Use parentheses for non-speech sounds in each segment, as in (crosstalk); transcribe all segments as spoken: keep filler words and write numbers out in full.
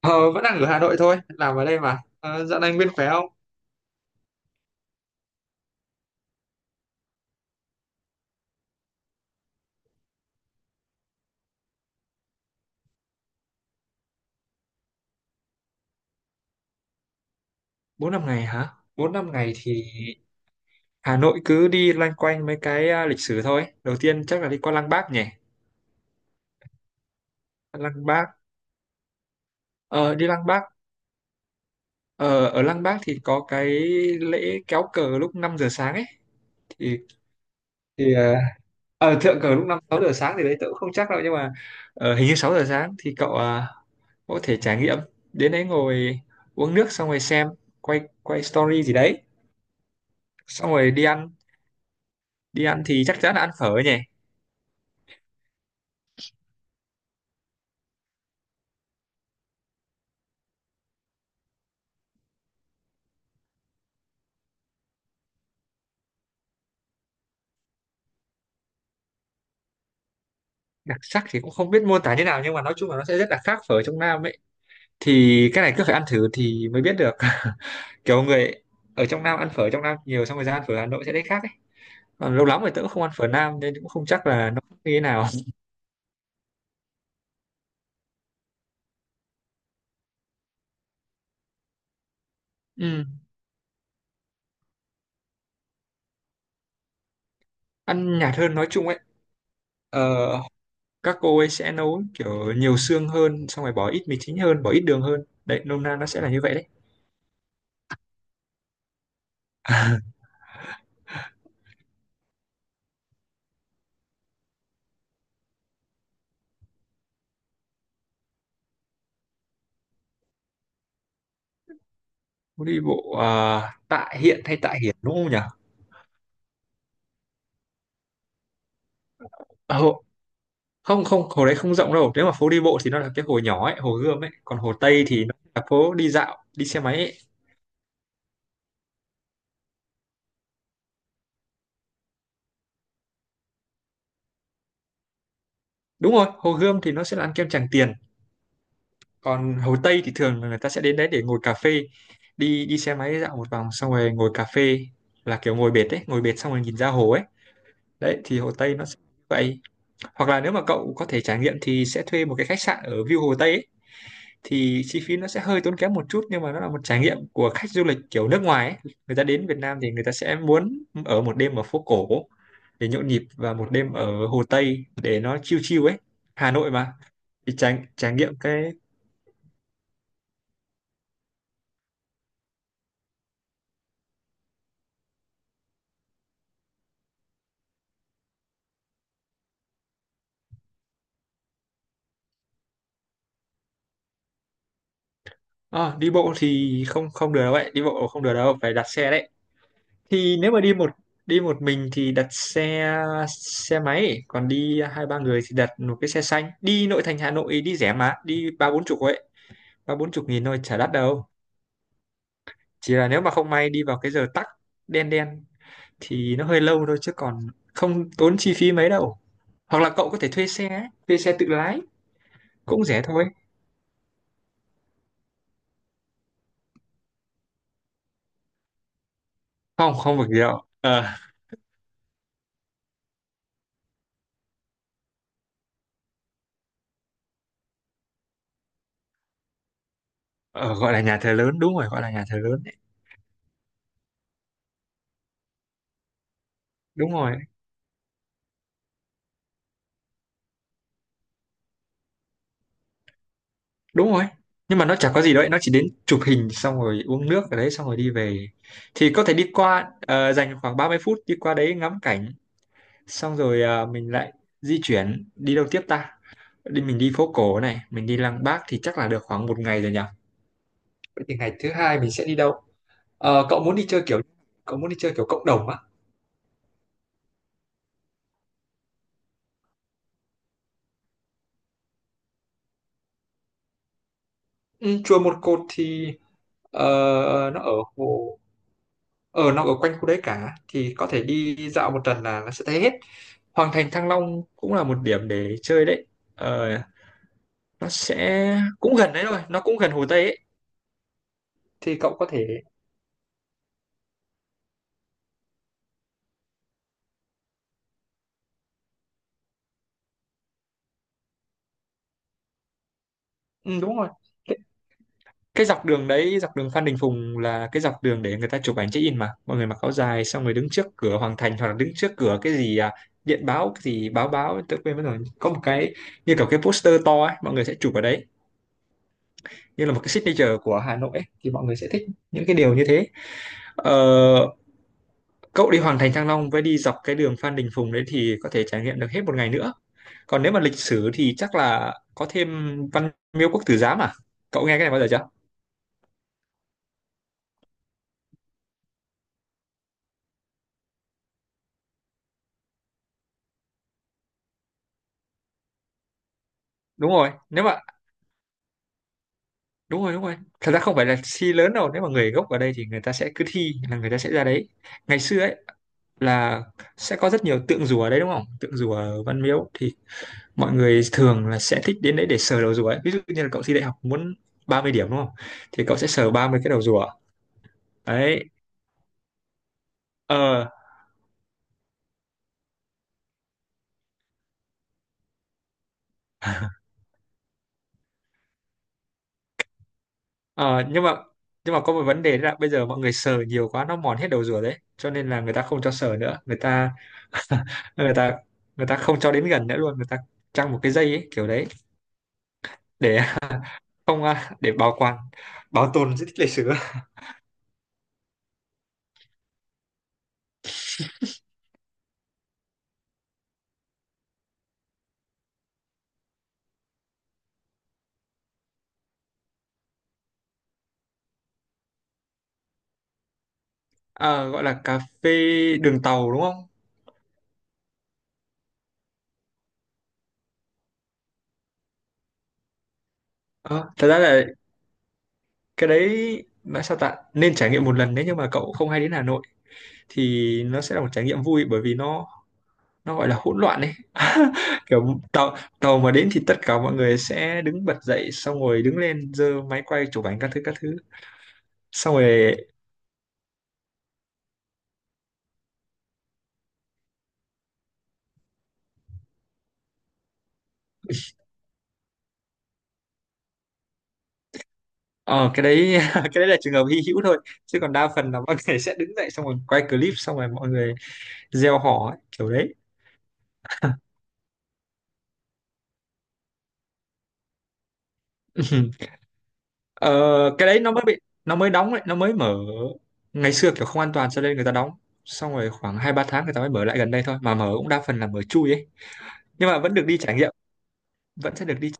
Ờ, Vẫn đang ở Hà Nội thôi, làm ở đây mà. Ờ, Dạo này Nguyên khỏe không? Bốn năm ngày hả? Bốn năm ngày thì Hà Nội cứ đi loanh quanh mấy cái à, lịch sử thôi. Đầu tiên chắc là đi qua Lăng Bác nhỉ? Lăng Bác, ờ, đi Lăng Bác. Ờ, Ở Lăng Bác thì có cái lễ kéo cờ lúc năm giờ sáng ấy. Thì, thì ờ, ờ, thượng cờ lúc năm sáu giờ sáng thì đấy tớ cũng không chắc đâu. Nhưng mà ờ, hình như sáu giờ sáng thì cậu à, có thể trải nghiệm. Đến đấy ngồi uống nước xong rồi xem, quay quay story gì đấy. Xong rồi đi ăn đi ăn thì chắc chắn là ăn phở nhỉ. Đặc sắc thì cũng không biết mô tả thế nào, nhưng mà nói chung là nó sẽ rất là khác phở trong Nam ấy. Thì cái này cứ phải ăn thử thì mới biết được. (laughs) Kiểu người ở trong Nam ăn phở trong Nam nhiều xong rồi ra ăn phở Hà Nội sẽ thấy khác ấy. Còn lâu lắm rồi tớ cũng không ăn phở Nam nên cũng không chắc là nó như thế nào. (laughs) Ừ, ăn nhạt hơn nói chung ấy. Ờ, các cô ấy sẽ nấu kiểu nhiều xương hơn, xong rồi bỏ ít mì chính hơn, bỏ ít đường hơn đấy, nôm na nó sẽ là như vậy đấy. (laughs) Phố đi bộ à, Tạ Hiện hay Tạ Hiển đúng không nhỉ? Không, không hồ đấy không rộng đâu, nếu mà phố đi bộ thì nó là cái hồ nhỏ ấy, hồ Gươm ấy. Còn hồ Tây thì nó là phố đi dạo, đi xe máy ấy. Đúng rồi, hồ Gươm thì nó sẽ là ăn kem Tràng Tiền, còn hồ Tây thì thường là người ta sẽ đến đấy để ngồi cà phê, đi đi xe máy dạo một vòng xong rồi ngồi cà phê, là kiểu ngồi bệt ấy, ngồi bệt xong rồi nhìn ra hồ ấy. Đấy thì hồ Tây nó sẽ như vậy. Hoặc là nếu mà cậu có thể trải nghiệm thì sẽ thuê một cái khách sạn ở view hồ Tây ấy. Thì chi phí nó sẽ hơi tốn kém một chút, nhưng mà nó là một trải nghiệm của khách du lịch kiểu nước ngoài ấy. Người ta đến Việt Nam thì người ta sẽ muốn ở một đêm ở phố cổ để nhộn nhịp, và một đêm ở Hồ Tây để nó chill chill ấy. Hà Nội mà. Thì trải trải nghiệm cái. Ờ, đi bộ thì không không được đâu, vậy đi bộ không được đâu, phải đặt xe đấy. Thì nếu mà đi một đi một mình thì đặt xe, xe máy. Còn đi hai ba người thì đặt một cái xe xanh đi nội thành Hà Nội, đi rẻ mà, đi ba bốn chục ấy, ba bốn chục nghìn thôi, chả đắt đâu. Chỉ là nếu mà không may đi vào cái giờ tắc đen đen thì nó hơi lâu thôi, chứ còn không tốn chi phí mấy đâu. Hoặc là cậu có thể thuê xe ấy, thuê xe tự lái, cũng rẻ thôi. Không không được gì đâu. ờ ờ, Gọi là nhà thờ lớn, đúng rồi, gọi là nhà thờ lớn đấy. Đúng rồi, đúng rồi, nhưng mà nó chả có gì đâu ấy, nó chỉ đến chụp hình xong rồi uống nước ở đấy xong rồi đi về. Thì có thể đi qua, ờ, dành khoảng ba mươi phút đi qua đấy ngắm cảnh, xong rồi ờ, mình lại di chuyển đi đâu tiếp ta. Đi mình đi phố cổ này, mình đi Lăng Bác thì chắc là được khoảng một ngày rồi nhỉ. Vậy thì ngày thứ hai mình sẽ đi đâu? Ờ, cậu muốn đi chơi kiểu cậu muốn đi chơi kiểu cộng đồng á? Ừ, chùa Một Cột thì ờ, nó ở hồ ở nó ở quanh khu đấy cả, thì có thể đi dạo một tuần là nó sẽ thấy hết. Hoàng thành Thăng Long cũng là một điểm để chơi đấy. Ờ, nó sẽ cũng gần đấy thôi, nó cũng gần Hồ Tây ấy. Thì cậu có thể ừ, đúng rồi. Cái dọc đường đấy, dọc đường Phan Đình Phùng là cái dọc đường để người ta chụp ảnh check-in, mà mọi người mặc áo dài xong rồi đứng trước cửa Hoàng Thành, hoặc là đứng trước cửa cái gì à, điện báo cái gì báo báo tôi quên mất rồi, có một cái như kiểu cái poster to ấy, mọi người sẽ chụp ở đấy như là một cái signature của Hà Nội ấy, thì mọi người sẽ thích những cái điều như thế. ờ, Cậu đi Hoàng Thành Thăng Long với đi dọc cái đường Phan Đình Phùng đấy thì có thể trải nghiệm được hết một ngày nữa. Còn nếu mà lịch sử thì chắc là có thêm Văn Miếu Quốc Tử Giám à, cậu nghe cái này bao giờ chưa? Đúng rồi, nếu mà đúng rồi, đúng rồi, thật ra không phải là thi lớn đâu, nếu mà người gốc ở đây thì người ta sẽ cứ thi là người ta sẽ ra đấy. Ngày xưa ấy là sẽ có rất nhiều tượng rùa ở đấy, đúng không, tượng rùa ở Văn Miếu thì mọi người thường là sẽ thích đến đấy để sờ đầu rùa ấy. Ví dụ như là cậu thi đại học muốn ba mươi điểm đúng không, thì cậu sẽ sờ ba mươi cái đầu rùa đấy. Ờ ờ, nhưng mà nhưng mà có một vấn đề đó là bây giờ mọi người sờ nhiều quá nó mòn hết đầu rùa đấy, cho nên là người ta không cho sờ nữa, người ta người ta người ta không cho đến gần nữa luôn. Người ta trăng một cái dây ấy, kiểu đấy, để không à, để bảo quản, bảo tồn di tích lịch sử á. À, gọi là cà phê đường tàu đúng không? Ờ, thật ra là cái đấy nó sao ta, nên trải nghiệm một lần nếu như mà cậu không hay đến Hà Nội, thì nó sẽ là một trải nghiệm vui, bởi vì nó nó gọi là hỗn loạn ấy. (laughs) Kiểu tàu tàu mà đến thì tất cả mọi người sẽ đứng bật dậy, xong rồi đứng lên giơ máy quay chụp ảnh các thứ các thứ, xong rồi ờ cái đấy (laughs) cái đấy là trường hợp hy hữu thôi. Chứ còn đa phần là mọi người sẽ đứng dậy xong rồi quay clip, xong rồi mọi người gieo hò ấy, kiểu đấy. (laughs) Ờ, cái đấy nó mới bị nó mới đóng đấy, nó mới mở. Ngày xưa kiểu không an toàn cho nên người ta đóng, xong rồi khoảng hai ba tháng người ta mới mở lại gần đây thôi, mà mở cũng đa phần là mở chui ấy, nhưng mà vẫn được đi trải nghiệm, vẫn sẽ được đi.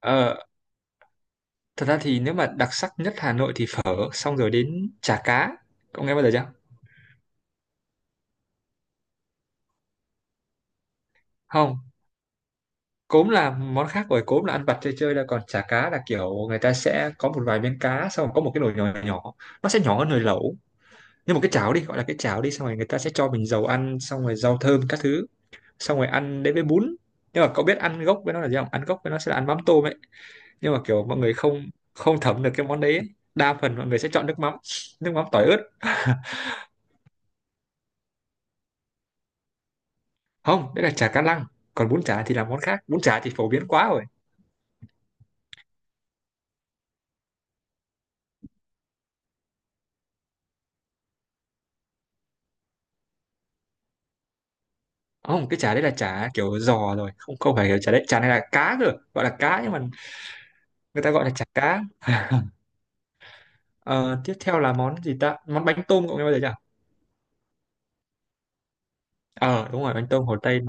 ờ, Thật ra thì nếu mà đặc sắc nhất Hà Nội thì phở, xong rồi đến chả cá, cậu nghe bao giờ chưa? Không, cốm là món khác rồi, cốm là ăn vặt chơi chơi, là còn chả cá là kiểu người ta sẽ có một vài miếng cá, xong rồi có một cái nồi nhỏ nhỏ, nó sẽ nhỏ hơn nồi lẩu, như một cái cháo đi, gọi là cái cháo đi, xong rồi người ta sẽ cho mình dầu ăn, xong rồi rau thơm các thứ, xong rồi ăn đến với bún. Nhưng mà cậu biết ăn gốc với nó là gì không, ăn gốc với nó sẽ là ăn mắm tôm ấy, nhưng mà kiểu mọi người không không thấm được cái món đấy ấy. Đa phần mọi người sẽ chọn nước mắm, nước mắm tỏi ớt. Không, đấy là chả cá lăng, còn bún chả thì là món khác, bún chả thì phổ biến quá rồi. Không, cái chả đấy là chả kiểu giò rồi, không, không phải kiểu chả đấy, chả này là cá rồi, gọi là cá nhưng mà người ta gọi là chả cá. (laughs) Ờ, tiếp theo là món gì ta, món bánh tôm, cậu nghe bao giờ chưa? ờ Đúng rồi, bánh tôm Hồ Tây.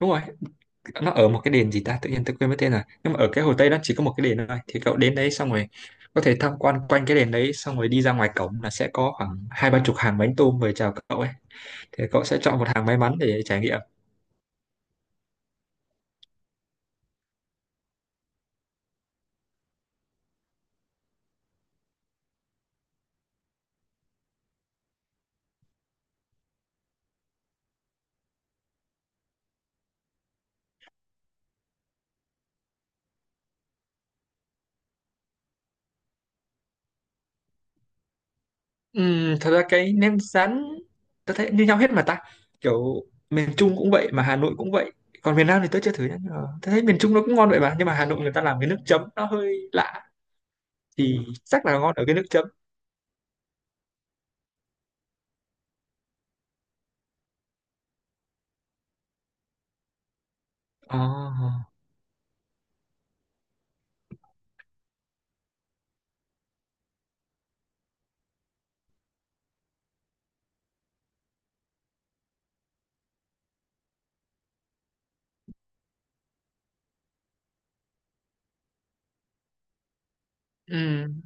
Đúng rồi, nó ở một cái đền gì ta, tự nhiên tôi quên mất tên rồi, nhưng mà ở cái Hồ Tây nó chỉ có một cái đền thôi, thì cậu đến đấy xong rồi có thể tham quan quanh cái đền đấy, xong rồi đi ra ngoài cổng là sẽ có khoảng hai ba chục hàng bánh tôm mời chào cậu ấy. Thì cậu sẽ chọn một hàng may mắn để trải nghiệm. Ừm, thật ra cái nem rán tôi thấy như nhau hết mà ta, kiểu miền Trung cũng vậy mà Hà Nội cũng vậy. Còn miền Nam thì tôi chưa thử nhá, nhưng mà tôi thấy miền Trung nó cũng ngon vậy mà, nhưng mà Hà Nội người ta làm cái nước chấm nó hơi lạ, thì chắc là ngon ở cái nước chấm. Ờ. Ừm,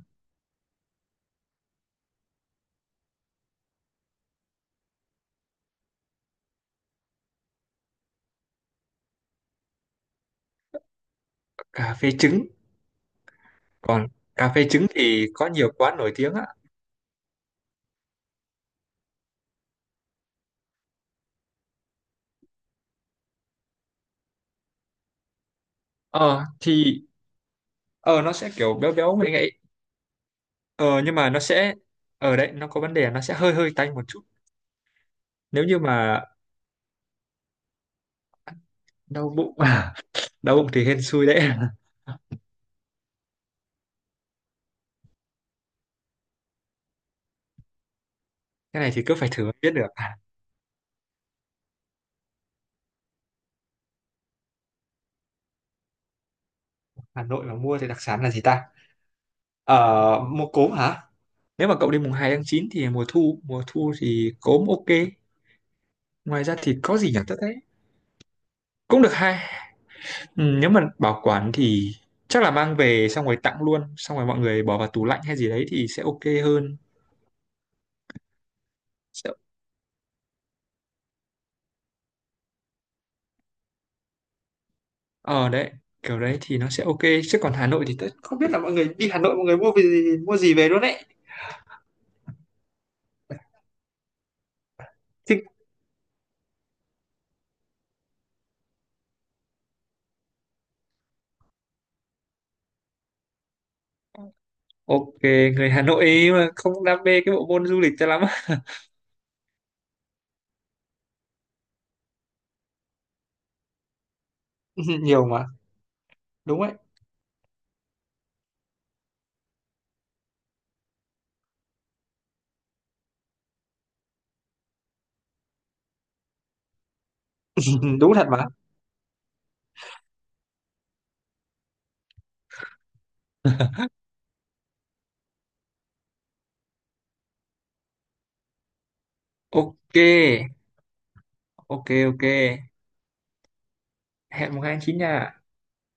cà phê trứng. Còn cà phê trứng thì có nhiều quán nổi tiếng á. Ờ thì ờ Nó sẽ kiểu béo béo ngậy ngậy. ờ nhưng mà nó sẽ, ở đấy nó có vấn đề là nó sẽ hơi hơi tanh một chút. Nếu như mà đau bụng, (laughs) đau bụng thì hên xui đấy. (laughs) Cái này thì cứ phải thử mới biết được. À, Hà Nội mà mua thì đặc sản là gì ta, ờ mua cốm hả? Nếu mà cậu đi mùng hai tháng chín thì mùa thu, mùa thu thì cốm ok. Ngoài ra thì có gì nhỉ, tất đấy cũng được hai. Ừ, nếu mà bảo quản thì chắc là mang về xong rồi tặng luôn, xong rồi mọi người bỏ vào tủ lạnh hay gì đấy thì sẽ ok hơn. Sẽ- ờ đấy kiểu đấy thì nó sẽ ok. Chứ còn Hà Nội thì tớ không biết là mọi người đi Hà Nội mọi người mua về gì mua gì về luôn đấy. Chứ ok. Người Hà Nội ấy mà không đam mê cái bộ môn du lịch cho lắm. (laughs) Nhiều mà, đúng đấy. (laughs) Đúng thật mà. (laughs) Ok. Ok. Ok, hẹn mùng hai tháng chín nha.